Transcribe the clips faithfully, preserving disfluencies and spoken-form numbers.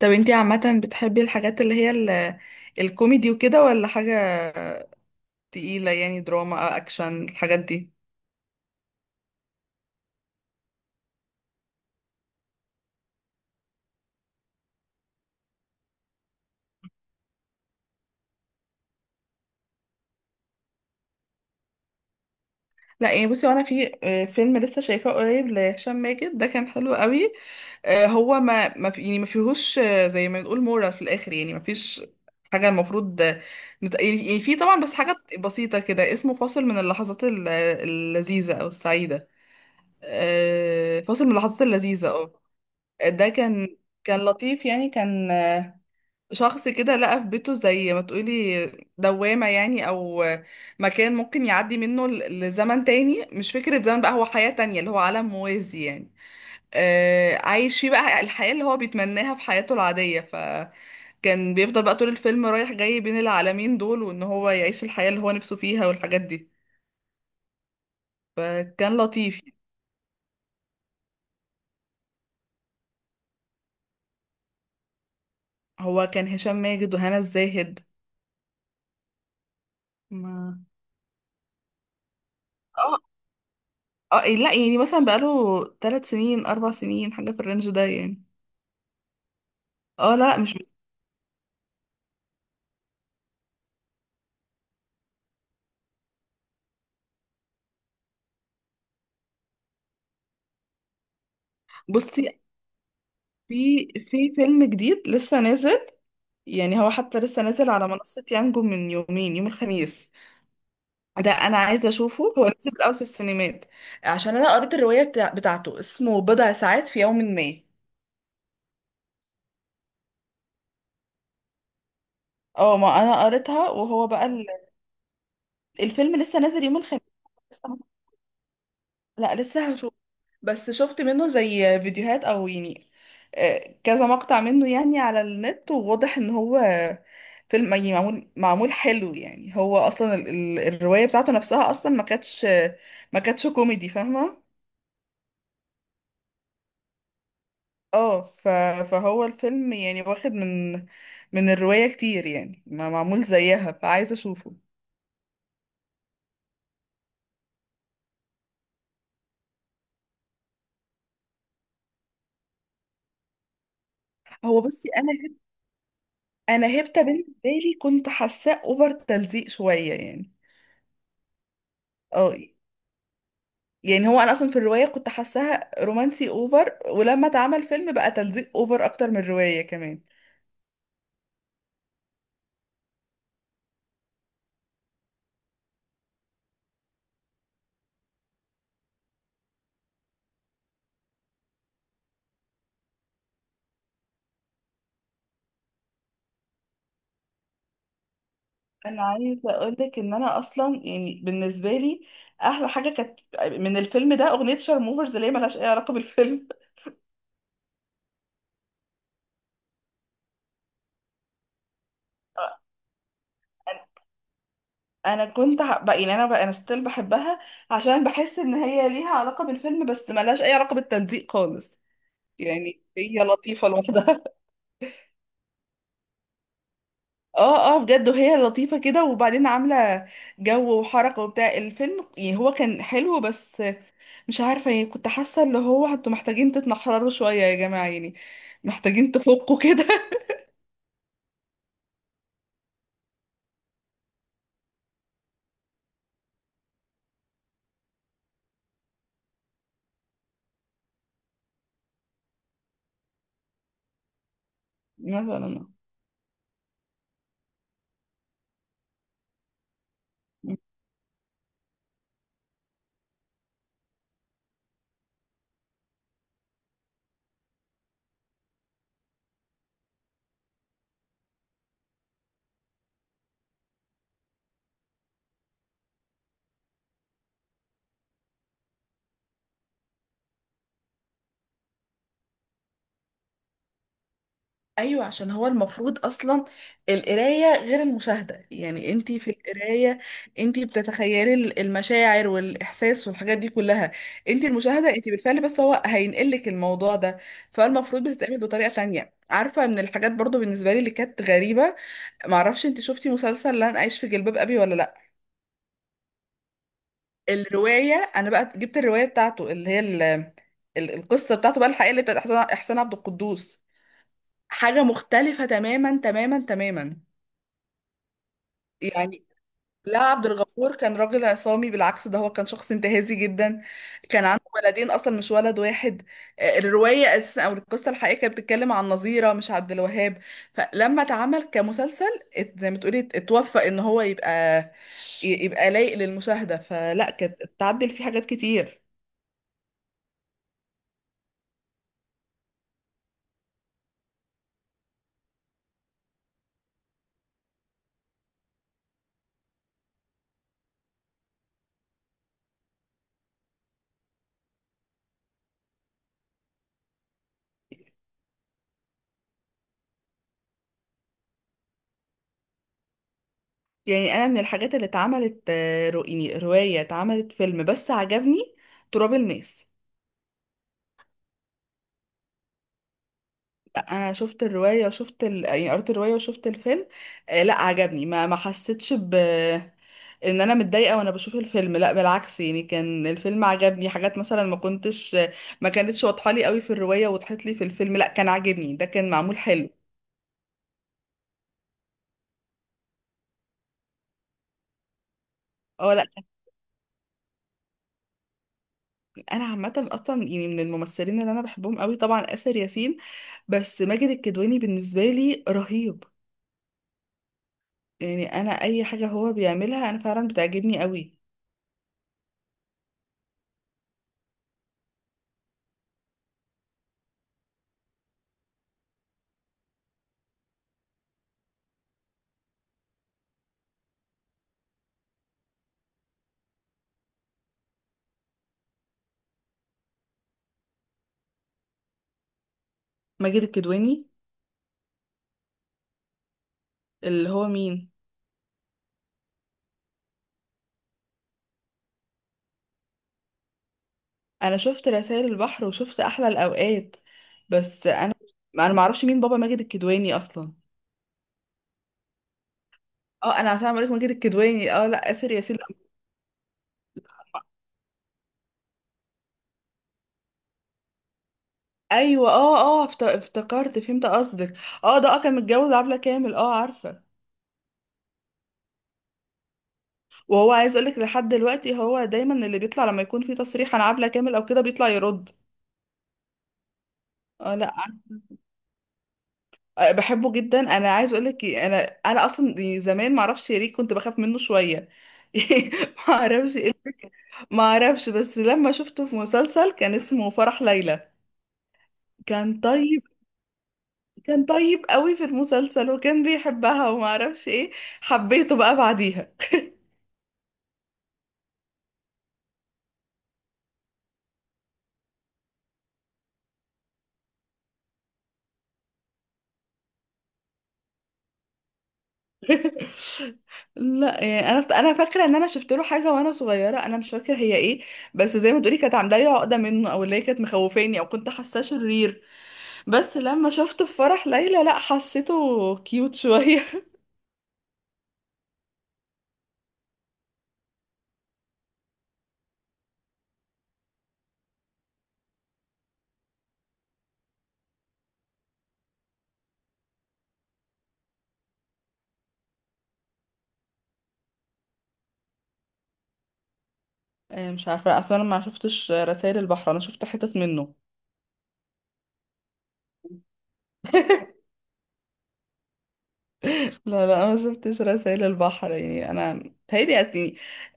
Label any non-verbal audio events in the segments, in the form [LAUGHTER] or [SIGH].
طب انتي عامة بتحبي الحاجات اللي هي ال- الكوميدي وكده ولا حاجة تقيلة يعني دراما اكشن الحاجات دي. لا يعني بصي وانا في آه، فيلم لسه شايفاه قريب لهشام ماجد ده كان حلو قوي. آه، هو ما ما في يعني ما فيهوش، آه، زي ما بنقول مورال في الاخر، يعني ما فيش حاجة المفروض آه، نت- يعني يعني في طبعا بس حاجة بسيطة كده، اسمه فاصل من اللحظات ال- اللذيذة او السعيدة. آه، فاصل من اللحظات اللذيذة. اه، ده كان كان لطيف. يعني كان شخص كده لقى في بيته زي ما تقولي دوامة يعني، أو مكان ممكن يعدي منه ل- لزمن تاني، مش فكرة زمن بقى، هو حياة تانية اللي هو عالم موازي يعني. آه، عايش فيه بقى الحياة اللي هو بيتمناها في حياته العادية. فكان بيفضل بقى طول الفيلم رايح جاي بين العالمين دول، وإن هو يعيش الحياة اللي هو نفسه فيها والحاجات دي. فكان لطيف. هو كان هشام ماجد وهنا الزاهد. ما اه، اه لا يعني مثلا بقاله ثلاث سنين أربع سنين، حاجة في الرينج ده يعني. اه لا مش. بصي، في في فيلم جديد لسه نازل، يعني هو حتى لسه نازل على منصة يانجو من يومين، يوم الخميس. ده انا عايزة اشوفه. هو نزل الاول في السينمات، عشان انا قريت الرواية بتاع بتاعته، اسمه بضع ساعات في يوم ما. اه، ما انا قريتها. وهو بقى ال- الفيلم لسه نازل يوم الخميس. لسه- لا لسه هشوفه، بس شفت منه زي فيديوهات او يعني آه، كذا مقطع منه يعني على النت، وواضح ان هو فيلم يعني معمول معمول حلو، يعني هو اصلا ال- ال- الرواية بتاعته نفسها اصلا ما كانتش، ما كانتش كوميدي، فاهمة. اه، ف- فهو الفيلم يعني واخد من من الرواية كتير، يعني ما معمول زيها، فعايزة اشوفه. هو بصي انا هب- انا هبته بالنسبة لي كنت حاساه اوفر تلزيق شوية يعني. اه، يعني هو انا اصلا في الروايه كنت حاساها رومانسي اوفر، ولما اتعمل فيلم بقى تلزيق اوفر اكتر من الروايه كمان. انا عايزه اقول لك ان انا اصلا يعني بالنسبه لي احلى حاجه كانت من الفيلم ده اغنيه شارموفرز، اللي هي ملهاش اي علاقه بالفيلم. [LAUGHS] انا كنت ح- بقى يعني انا بقى انا ستيل بحبها، عشان بحس ان هي ليها علاقه بالفيلم، بس ملهاش اي علاقه بالتلزيق خالص. يعني هي لطيفه لوحدها. اه، اه بجد، وهي لطيفة كده، وبعدين عاملة جو وحركة وبتاع الفيلم. يعني هو كان حلو، بس مش عارفة، يعني كنت حاسة اللي هو انتوا محتاجين تتنحرروا شوية يا جماعة يعني. محتاجين تفكوا كده. [LAUGHS] مثلا. ايوه، عشان هو المفروض اصلا القرايه غير المشاهده. يعني انتي في القرايه انتي بتتخيلي ال- المشاعر والاحساس والحاجات دي كلها. انتي المشاهده انتي بالفعل، بس هو هينقلك الموضوع ده. فالمفروض بتتعمل بطريقه تانية، عارفه. من الحاجات برضو بالنسبه لي اللي كانت غريبه، معرفش انتي شفتي مسلسل لن اعيش في جلباب ابي ولا لا. الروايه انا بقى جبت الروايه بتاعته، اللي هي ال- ال- القصه بتاعته بقى الحقيقيه اللي بتاعت احسان إحسان عبد القدوس. حاجه مختلفه تماما تماما تماما. يعني لا، عبد الغفور كان راجل عصامي، بالعكس ده هو كان شخص انتهازي جدا. كان عنده ولدين اصلا مش ولد واحد. آه، الروايه اساسا او القصه الحقيقيه كانت بتتكلم عن نظيره مش عبد الوهاب. فلما اتعمل كمسلسل، ات- زي ما تقولي ات- اتوفق ان هو يبقى، ي- يبقى لايق للمشاهده، فلا كانت اتعدل فيه حاجات كتير. يعني انا من الحاجات اللي اتعملت، آه، رو- يعني روايه اتعملت فيلم بس عجبني، تراب الماس. لا، انا شفت الروايه وشفت ال... يعني قريت الروايه وشفت الفيلم. آه لا عجبني، ما ما حسيتش ب ان انا متضايقه وانا بشوف الفيلم. لا بالعكس، يعني كان الفيلم عجبني، حاجات مثلا ما كنتش ما كانتش واضحه لي قوي في الروايه وضحت لي في الفيلم. لا كان عاجبني، ده كان معمول حلو. اه لا كان- انا عامه اصلا يعني من الممثلين اللي انا بحبهم قوي طبعا آسر ياسين، بس ماجد الكدواني بالنسبه لي رهيب. يعني انا اي حاجه هو بيعملها انا فعلا بتعجبني قوي. ماجد الكدواني اللي هو مين؟ انا شفت رسائل البحر وشفت احلى الاوقات، بس انا انا ما اعرفش مين بابا ماجد الكدواني اصلا. اه انا عشان عليك ماجد الكدواني، اه لا اسر ياسين. ايوه اه، اه افت- افتكرت، فهمت قصدك. اه ده اه كان متجوز عبلة كامل، اه عارفه. وهو عايز اقولك لحد دلوقتي هو دايما اللي بيطلع لما يكون في تصريح عن عبلة كامل او كده بيطلع يرد. اه لا عارفة. آه، بحبه جدا. انا عايز اقولك انا، انا اصلا زمان ما اعرفش ليه كنت بخاف منه شويه. [LAUGHS] ما اعرفش إيه، ما اعرفش. بس لما شفته في مسلسل كان اسمه فرح ليلى، كان طيب، كان طيب قوي في المسلسل وكان بيحبها وما اعرفش ايه، حبيته بقى بعديها. [LAUGHS] لا يعني انا انا فاكره ان انا شفت له حاجه وانا صغيره، انا مش فاكره هي ايه، بس زي ما تقولي كانت عامله لي عقده منه، او اللي هي كانت مخوفاني، او كنت حاساه شرير. بس لما شفته في فرح ليلى لا حسيته كيوت شويه. [LAUGHS] آه، مش عارفه اصلا، انا ما شفتش رسائل البحر، انا شفت حتت منه. لا لا انا ما شفتش رسائل البحر يعني، انا تهيألي يعني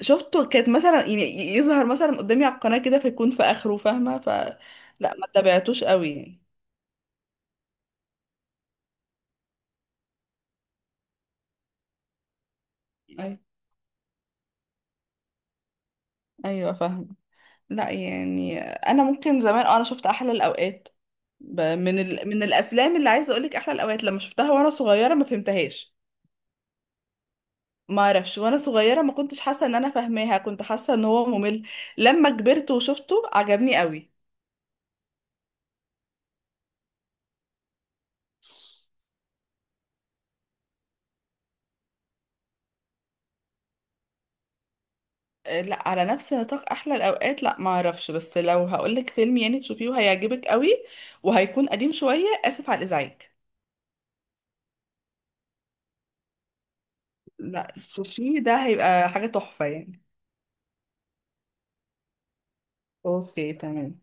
شفته، كانت مثلا يعني يظهر مثلا قدامي على القناة كده فيكون في اخره فاهمة، ف لا ما تابعتوش قوي. يعني أي- ايوه فاهمة. لا يعني انا ممكن زمان، اه انا شفت احلى الاوقات، ب- من ال... من الافلام اللي عايزه اقول لك، احلى الاوقات لما شفتها وانا صغيره ما فهمتهاش. ما اعرفش، وانا صغيره ما كنتش حاسه ان انا فاهماها، كنت حاسه ان هو ممل. لما كبرت وشفته عجبني قوي. آه، لا على نفس نطاق احلى الاوقات لا ما اعرفش، بس لو هقولك فيلم يعني تشوفيه وهيعجبك قوي وهيكون قديم شوية، اسف على الازعاج. لا شوفيه، ده هيبقى حاجة تحفة يعني. اوكي تمام.